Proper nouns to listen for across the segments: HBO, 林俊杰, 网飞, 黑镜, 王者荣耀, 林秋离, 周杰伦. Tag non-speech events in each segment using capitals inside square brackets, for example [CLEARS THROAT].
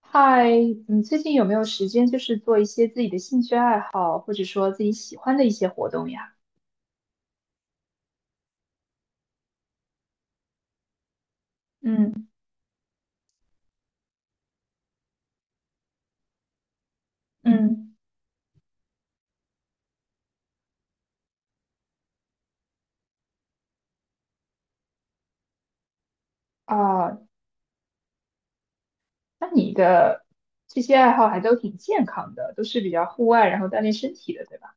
嗨，你最近有没有时间，就是做一些自己的兴趣爱好，或者说自己喜欢的一些活动呀？嗯嗯，啊，那你的这些爱好还都挺健康的，都是比较户外，然后锻炼身体的，对吧？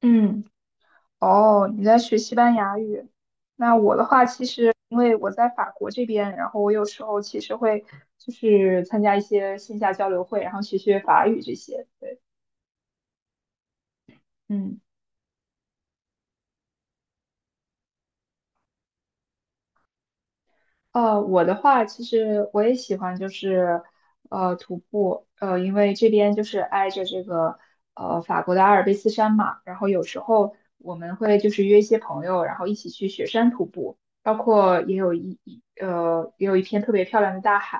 嗯，哦，你在学西班牙语？那我的话，其实因为我在法国这边，然后我有时候其实会就是参加一些线下交流会，然后学学法语这些。对，嗯。我的话，其实我也喜欢，就是徒步，因为这边就是挨着这个法国的阿尔卑斯山嘛，然后有时候我们会就是约一些朋友，然后一起去雪山徒步，包括也有一片特别漂亮的大海，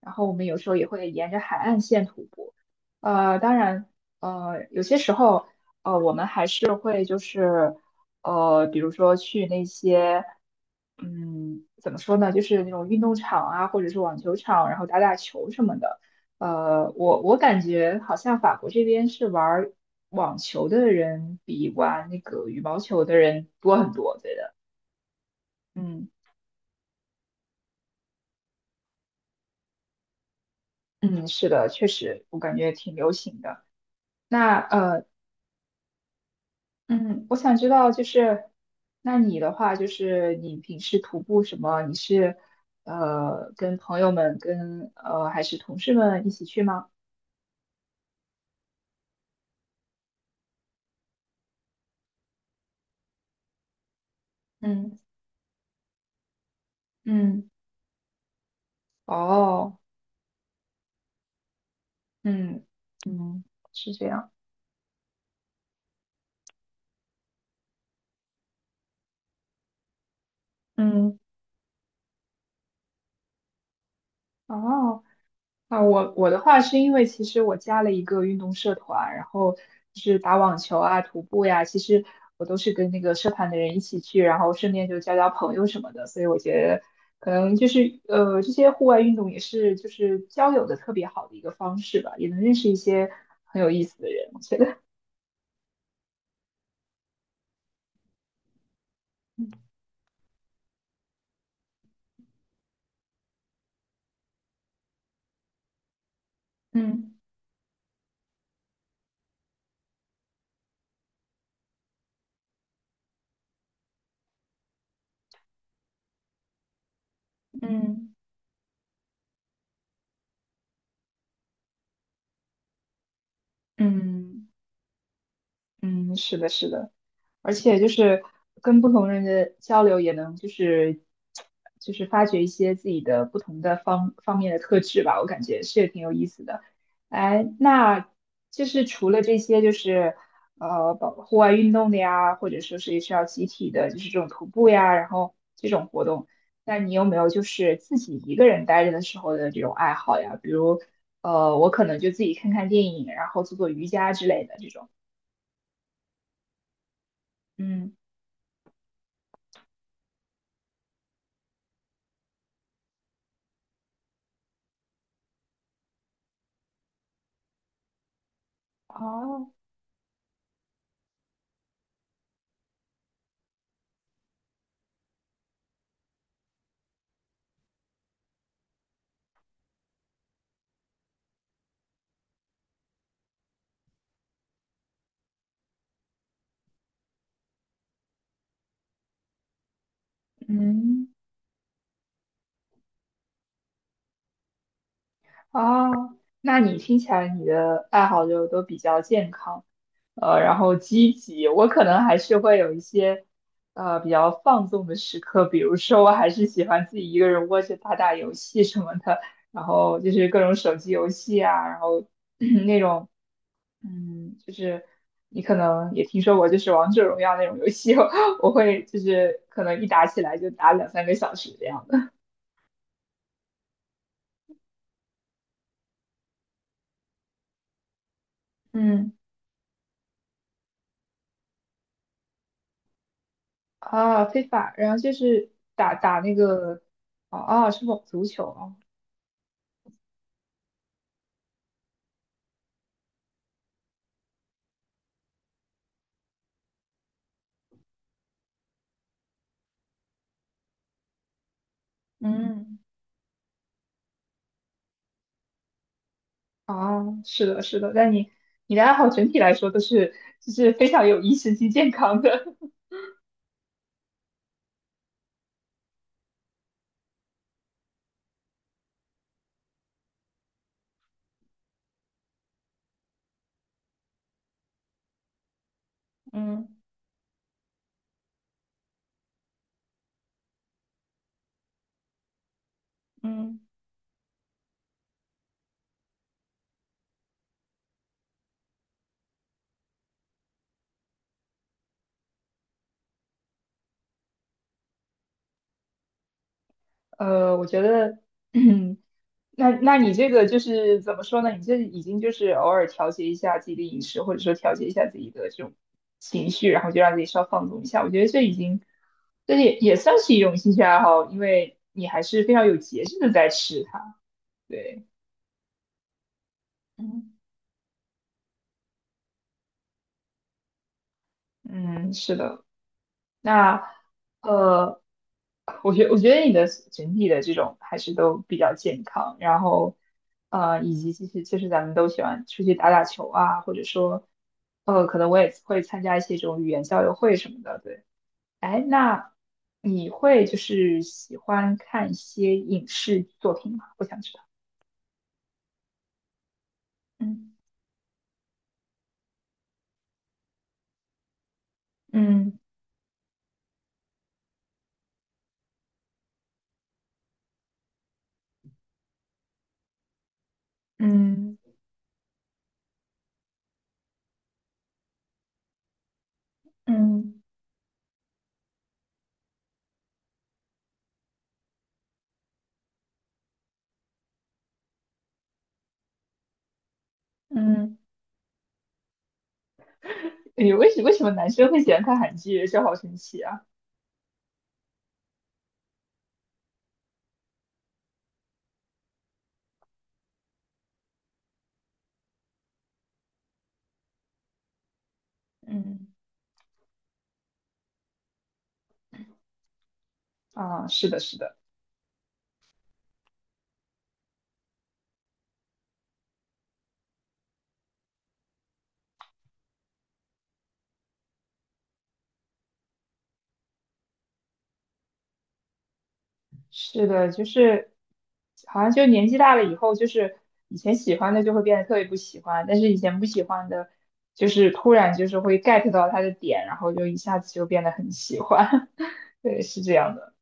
然后我们有时候也会沿着海岸线徒步，当然有些时候我们还是会就是。比如说去那些，怎么说呢，就是那种运动场啊，或者是网球场，然后打打球什么的。我感觉好像法国这边是玩儿网球的人比玩那个羽毛球的人多很多，我觉得。嗯嗯，是的，确实，我感觉挺流行的。那嗯，我想知道，就是那你的话，就是你平时徒步什么？你是跟朋友们还是同事们一起去吗？嗯嗯，哦，嗯嗯，是这样，嗯哦。啊，我的话是因为其实我加了一个运动社团，然后就是打网球啊、徒步呀，其实我都是跟那个社团的人一起去，然后顺便就交交朋友什么的，所以我觉得可能就是这些户外运动也是就是交友的特别好的一个方式吧，也能认识一些很有意思的人，我觉得。嗯嗯嗯嗯，是的，是的。而且就是跟不同人的交流，也能就是发掘一些自己的不同的方方面的特质吧，我感觉是挺有意思的。哎，那就是除了这些，就是包户外运动的呀，或者说是需要集体的，就是这种徒步呀，然后这种活动，那你有没有就是自己一个人待着的时候的这种爱好呀？比如我可能就自己看看电影，然后做做瑜伽之类的这种。嗯哦，嗯。哦，那你听起来你的爱好就都比较健康，然后积极。我可能还是会有一些，比较放纵的时刻，比如说我还是喜欢自己一个人窝着打打游戏什么的，然后就是各种手机游戏啊，然后 [CLEARS THROAT] 那种，就是你可能也听说过，就是王者荣耀那种游戏，[LAUGHS] 我会就是可能一打起来就打两三个小时这样的。嗯。啊，非法，然后就是打打那个，哦哦，是网足球哦，嗯，哦，是的，是的，但你的爱好整体来说都是就是非常有益身心健康的。[LAUGHS] 嗯嗯。我觉得，嗯，那你这个就是怎么说呢？你这已经就是偶尔调节一下自己的饮食，或者说调节一下自己的这种情绪，然后就让自己稍放纵一下。我觉得这已经，这也算是一种兴趣爱好，因为你还是非常有节制的在吃它。对，嗯，嗯，是的。那呃，我觉得你的整体的这种还是都比较健康，然后以及其实咱们都喜欢出去打打球啊，或者说可能我也会参加一些这种语言交流会什么的，对。哎，那你会就是喜欢看一些影视作品吗？我想知道。嗯嗯嗯嗯嗯哎，为什么男生会喜欢看韩剧？这好神奇啊！嗯，啊，是的，是的。是的，就是好像就年纪大了以后，就是以前喜欢的就会变得特别不喜欢，但是以前不喜欢的，就是突然就是会 get 到他的点，然后就一下子就变得很喜欢。[LAUGHS] 对，是这样的。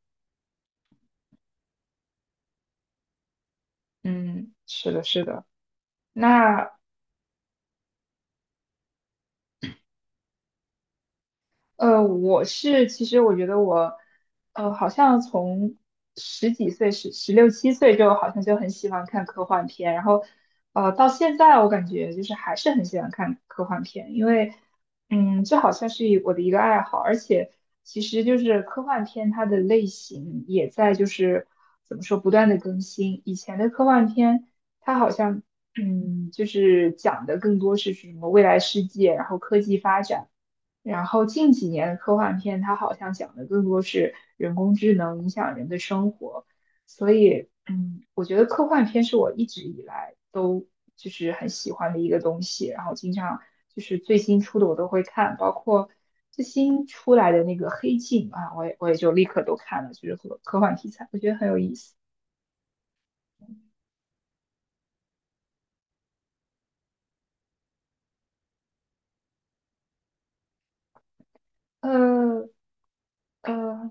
嗯，是的，是的。那我是其实我觉得我，好像从十几岁、十六七岁就好像就很喜欢看科幻片，然后，到现在我感觉就是还是很喜欢看科幻片，因为，这好像是我的一个爱好，而且其实就是科幻片它的类型也在就是怎么说不断的更新，以前的科幻片它好像，就是讲的更多是什么未来世界，然后科技发展。然后近几年的科幻片，它好像讲的更多是人工智能影响人的生活，所以，我觉得科幻片是我一直以来都就是很喜欢的一个东西，然后经常就是最新出的我都会看，包括最新出来的那个《黑镜》啊，我也就立刻都看了，就是科幻题材，我觉得很有意思。呃，呃，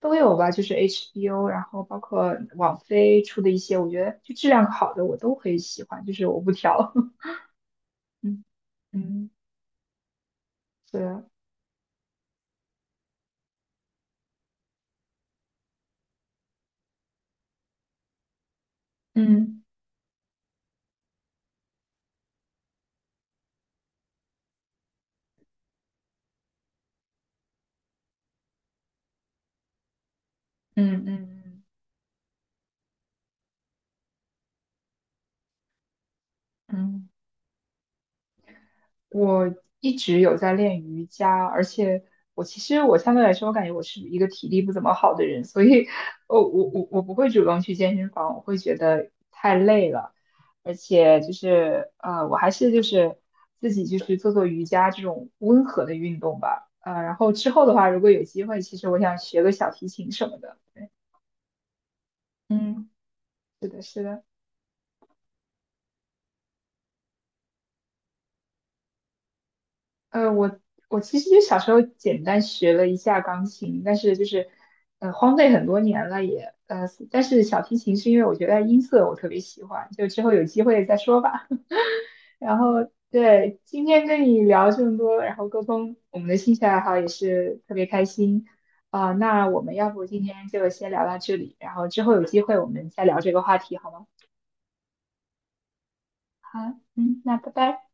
都有吧，就是 HBO，然后包括网飞出的一些，我觉得就质量好的我都会喜欢，就是我不挑。[LAUGHS] 嗯嗯，对啊，嗯嗯嗯嗯嗯。我一直有在练瑜伽，而且我其实相对来说，我感觉我是一个体力不怎么好的人，所以我不会主动去健身房，我会觉得太累了，而且就是我还是就是自己就是做做瑜伽这种温和的运动吧，然后之后的话，如果有机会，其实我想学个小提琴什么的，嗯，是的，是的。呃，我我其实就小时候简单学了一下钢琴，但是就是荒废很多年了也，但是小提琴是因为我觉得音色我特别喜欢，就之后有机会再说吧。[LAUGHS] 然后对，今天跟你聊这么多，然后沟通我们的兴趣爱好也是特别开心啊，那我们要不今天就先聊到这里，然后之后有机会我们再聊这个话题好吗？好，嗯，那拜拜。